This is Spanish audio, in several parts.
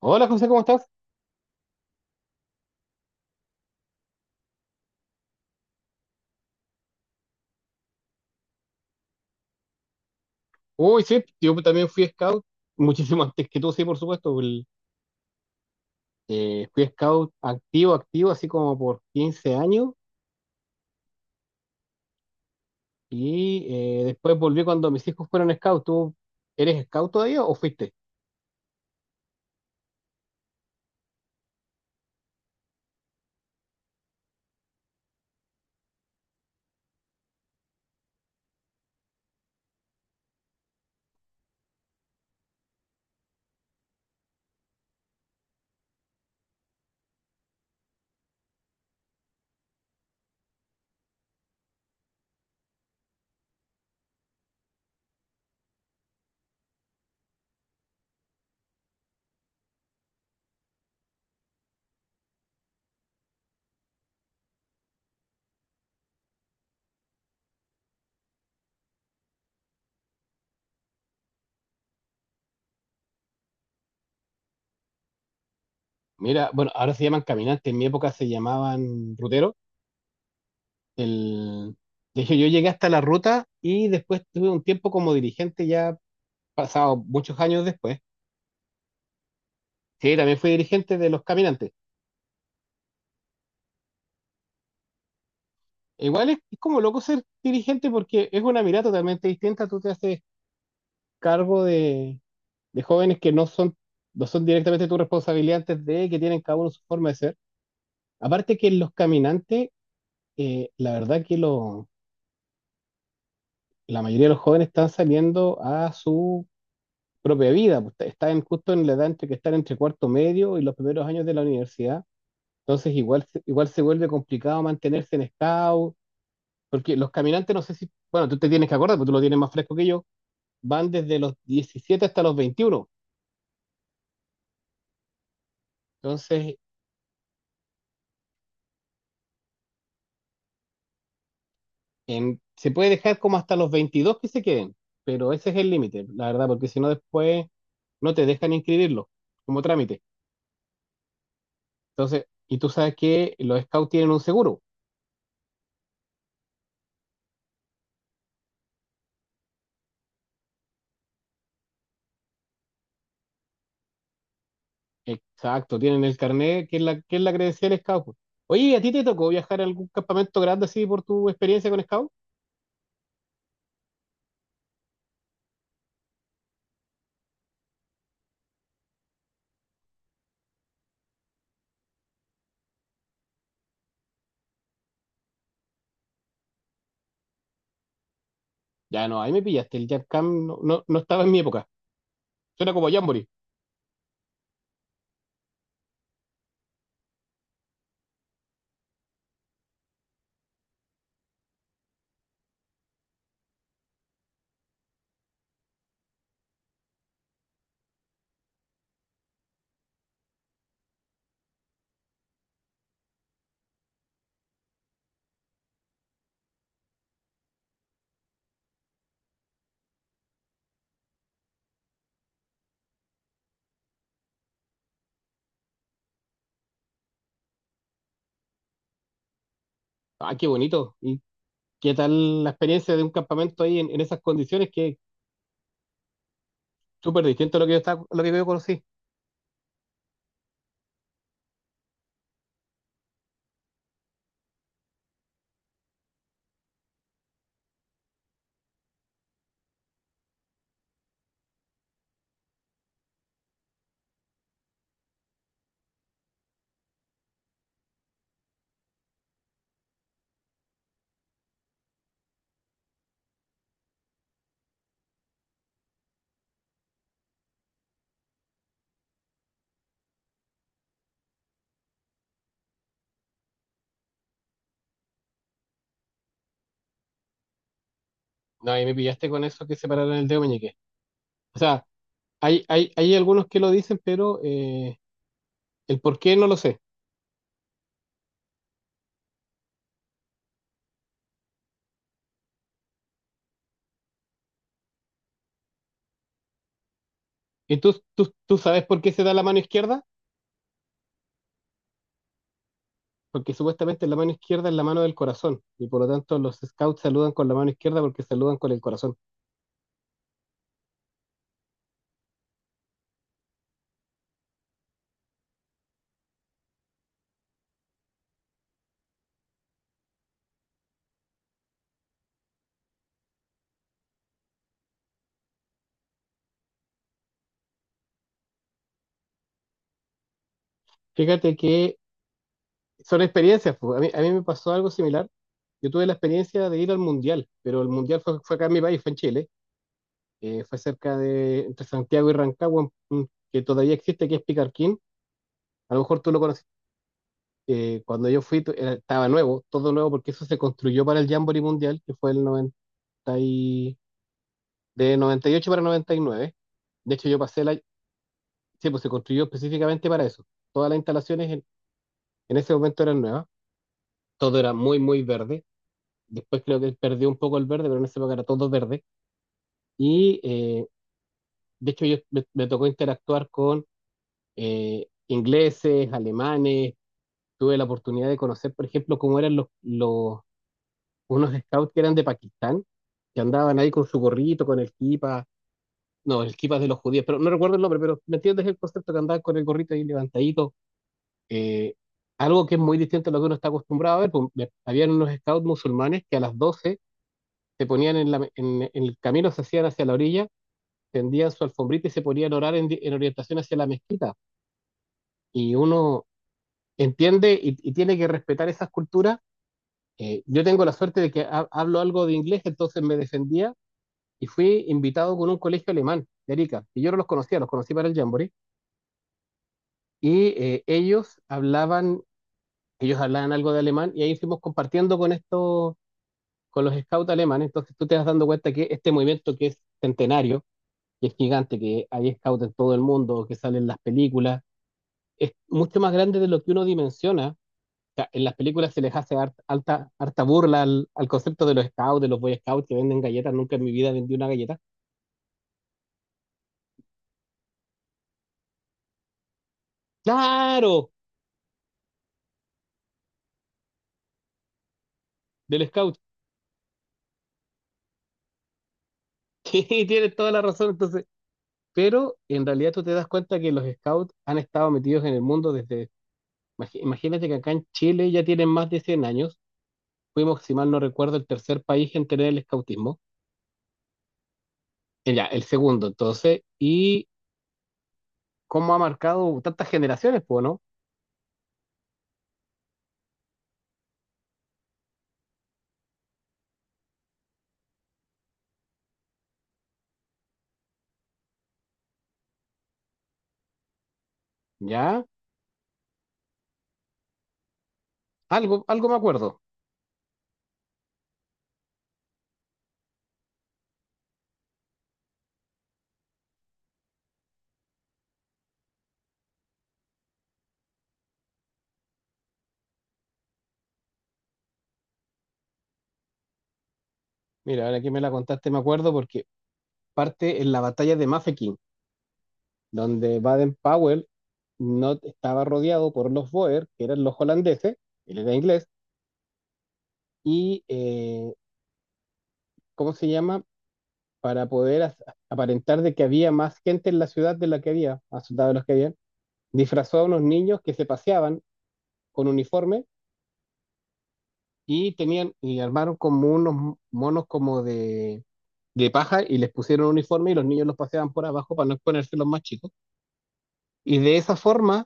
Hola José, ¿cómo estás? Uy, sí, yo también fui scout, muchísimo antes que tú, sí, por supuesto. Fui scout activo, activo, así como por 15 años y después volví cuando mis hijos fueron scout. ¿Tú eres scout todavía o fuiste? Mira, bueno, ahora se llaman caminantes, en mi época se llamaban ruteros. El... De hecho, yo llegué hasta la ruta y después tuve un tiempo como dirigente ya pasado muchos años después. Sí, también fui dirigente de los caminantes. Igual es como loco ser dirigente porque es una mirada totalmente distinta. Tú te haces cargo de jóvenes que no son, no son directamente tu responsabilidad antes de que tienen cada uno su forma de ser. Aparte que los caminantes, la verdad que lo, la mayoría de los jóvenes están saliendo a su propia vida, pues. Están justo en la edad entre que están entre cuarto medio y los primeros años de la universidad. Entonces igual, igual se vuelve complicado mantenerse en scout, porque los caminantes no sé si, bueno, tú te tienes que acordar, porque tú lo tienes más fresco que yo, van desde los 17 hasta los 21. Entonces, se puede dejar como hasta los 22 que se queden, pero ese es el límite, la verdad, porque si no después no te dejan inscribirlo como trámite. Entonces, y tú sabes que los scouts tienen un seguro. Exacto, tienen el carnet, que es que es la credencial scout, pues. Oye, ¿y a ti te tocó viajar a algún campamento grande así por tu experiencia con scout? Ya no, ahí me pillaste, el Jam Camp no, no, no estaba en mi época. Suena como Jamboree. Ah, qué bonito. ¿Qué tal la experiencia de un campamento ahí en esas condiciones que es súper distinto a lo que yo estaba, a lo que yo conocí? No, ahí me pillaste con eso que separaron el dedo meñique. O sea, hay algunos que lo dicen, pero el por qué no lo sé. ¿Y tú sabes por qué se da la mano izquierda? Porque supuestamente la mano izquierda es la mano del corazón y por lo tanto los scouts saludan con la mano izquierda porque saludan con el corazón. Fíjate que son experiencias, pues. A mí me pasó algo similar. Yo tuve la experiencia de ir al mundial, pero el mundial fue acá en mi país, fue en Chile, fue cerca de entre Santiago y Rancagua, que todavía existe, que es Picarquín. A lo mejor tú lo conoces. Cuando yo fui, estaba nuevo, todo nuevo, porque eso se construyó para el Jamboree Mundial, que fue el 90 y- de 98 para 99. De hecho, yo pasé la... Sí, pues se construyó específicamente para eso. Todas las instalaciones en ese momento eran nuevas. Todo era muy, muy verde. Después creo que perdió un poco el verde, pero en esa época era todo verde. Y eh, de hecho, me tocó interactuar con ingleses, alemanes. Tuve la oportunidad de conocer, por ejemplo, cómo eran unos scouts que eran de Pakistán, que andaban ahí con su gorrito, con el kipa. No, el kipa es de los judíos, pero no recuerdo el nombre, pero me entiendes el concepto, que andaban con el gorrito ahí levantadito. Eh, algo que es muy distinto a lo que uno está acostumbrado a ver, pues. Habían unos scouts musulmanes que a las 12 se ponían en en el camino, se hacían hacia la orilla, tendían su alfombrita y se ponían a orar en en orientación hacia la mezquita. Y uno entiende y tiene que respetar esas culturas. Yo tengo la suerte de que hablo algo de inglés, entonces me defendía y fui invitado con un colegio alemán de Arica. Y yo no los conocía, los conocí para el Jamboree. Y eh, ellos hablaban, ellos hablaban algo de alemán y ahí fuimos compartiendo con estos, con los scouts alemanes. Entonces tú te vas dando cuenta que este movimiento que es centenario, que es gigante, que hay scouts en todo el mundo, que salen las películas, es mucho más grande de lo que uno dimensiona. Sea, en las películas se les hace alta, harta burla al concepto de los scouts, de los boy scouts que venden galletas. Nunca en mi vida vendí una galleta. ¡Claro! Del scout. Sí, tienes toda la razón. Entonces, pero en realidad tú te das cuenta que los scouts han estado metidos en el mundo desde. Imagínate que acá en Chile ya tienen más de 100 años. Fuimos, si mal no recuerdo, el tercer país en tener el scoutismo. Ya, el segundo, entonces. Y cómo ha marcado tantas generaciones, pues, ¿no? Ya, algo, algo me acuerdo. Mira, ahora que me la contaste, me acuerdo porque parte en la batalla de Mafeking, donde Baden-Powell no estaba rodeado por los Boer, que eran los holandeses, él era inglés, y ¿cómo se llama? Para poder aparentar de que había más gente en la ciudad de la que había, más soldados de los que había, disfrazó a unos niños que se paseaban con uniforme y tenían y armaron como unos monos como de paja y les pusieron uniforme y los niños los paseaban por abajo para no exponerse los más chicos. Y de esa forma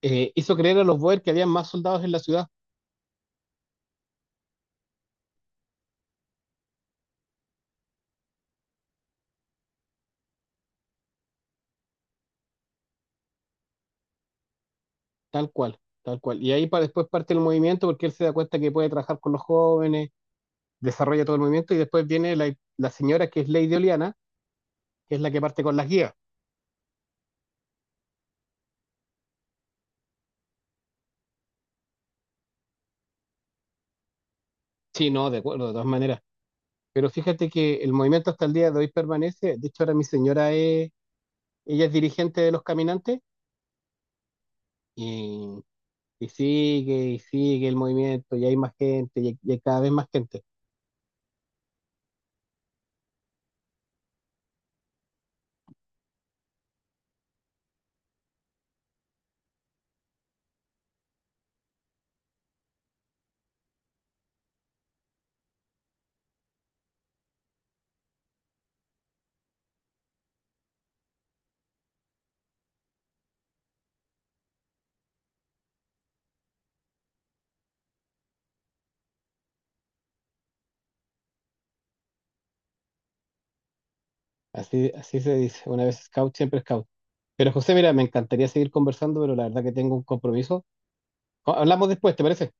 hizo creer a los Boer que había más soldados en la ciudad, tal cual, tal cual. Y ahí para después parte el movimiento porque él se da cuenta que puede trabajar con los jóvenes, desarrolla todo el movimiento y después viene la señora que es Lady Oliana, que es la que parte con las guías. Sí, no, de acuerdo, de todas maneras. Pero fíjate que el movimiento hasta el día de hoy permanece. De hecho, ahora mi señora es, ella es dirigente de los caminantes y, y sigue el movimiento y hay más gente y hay cada vez más gente. Así, así se dice. Una vez scout, siempre scout. Pero José, mira, me encantaría seguir conversando, pero la verdad que tengo un compromiso. Hablamos después, ¿te parece?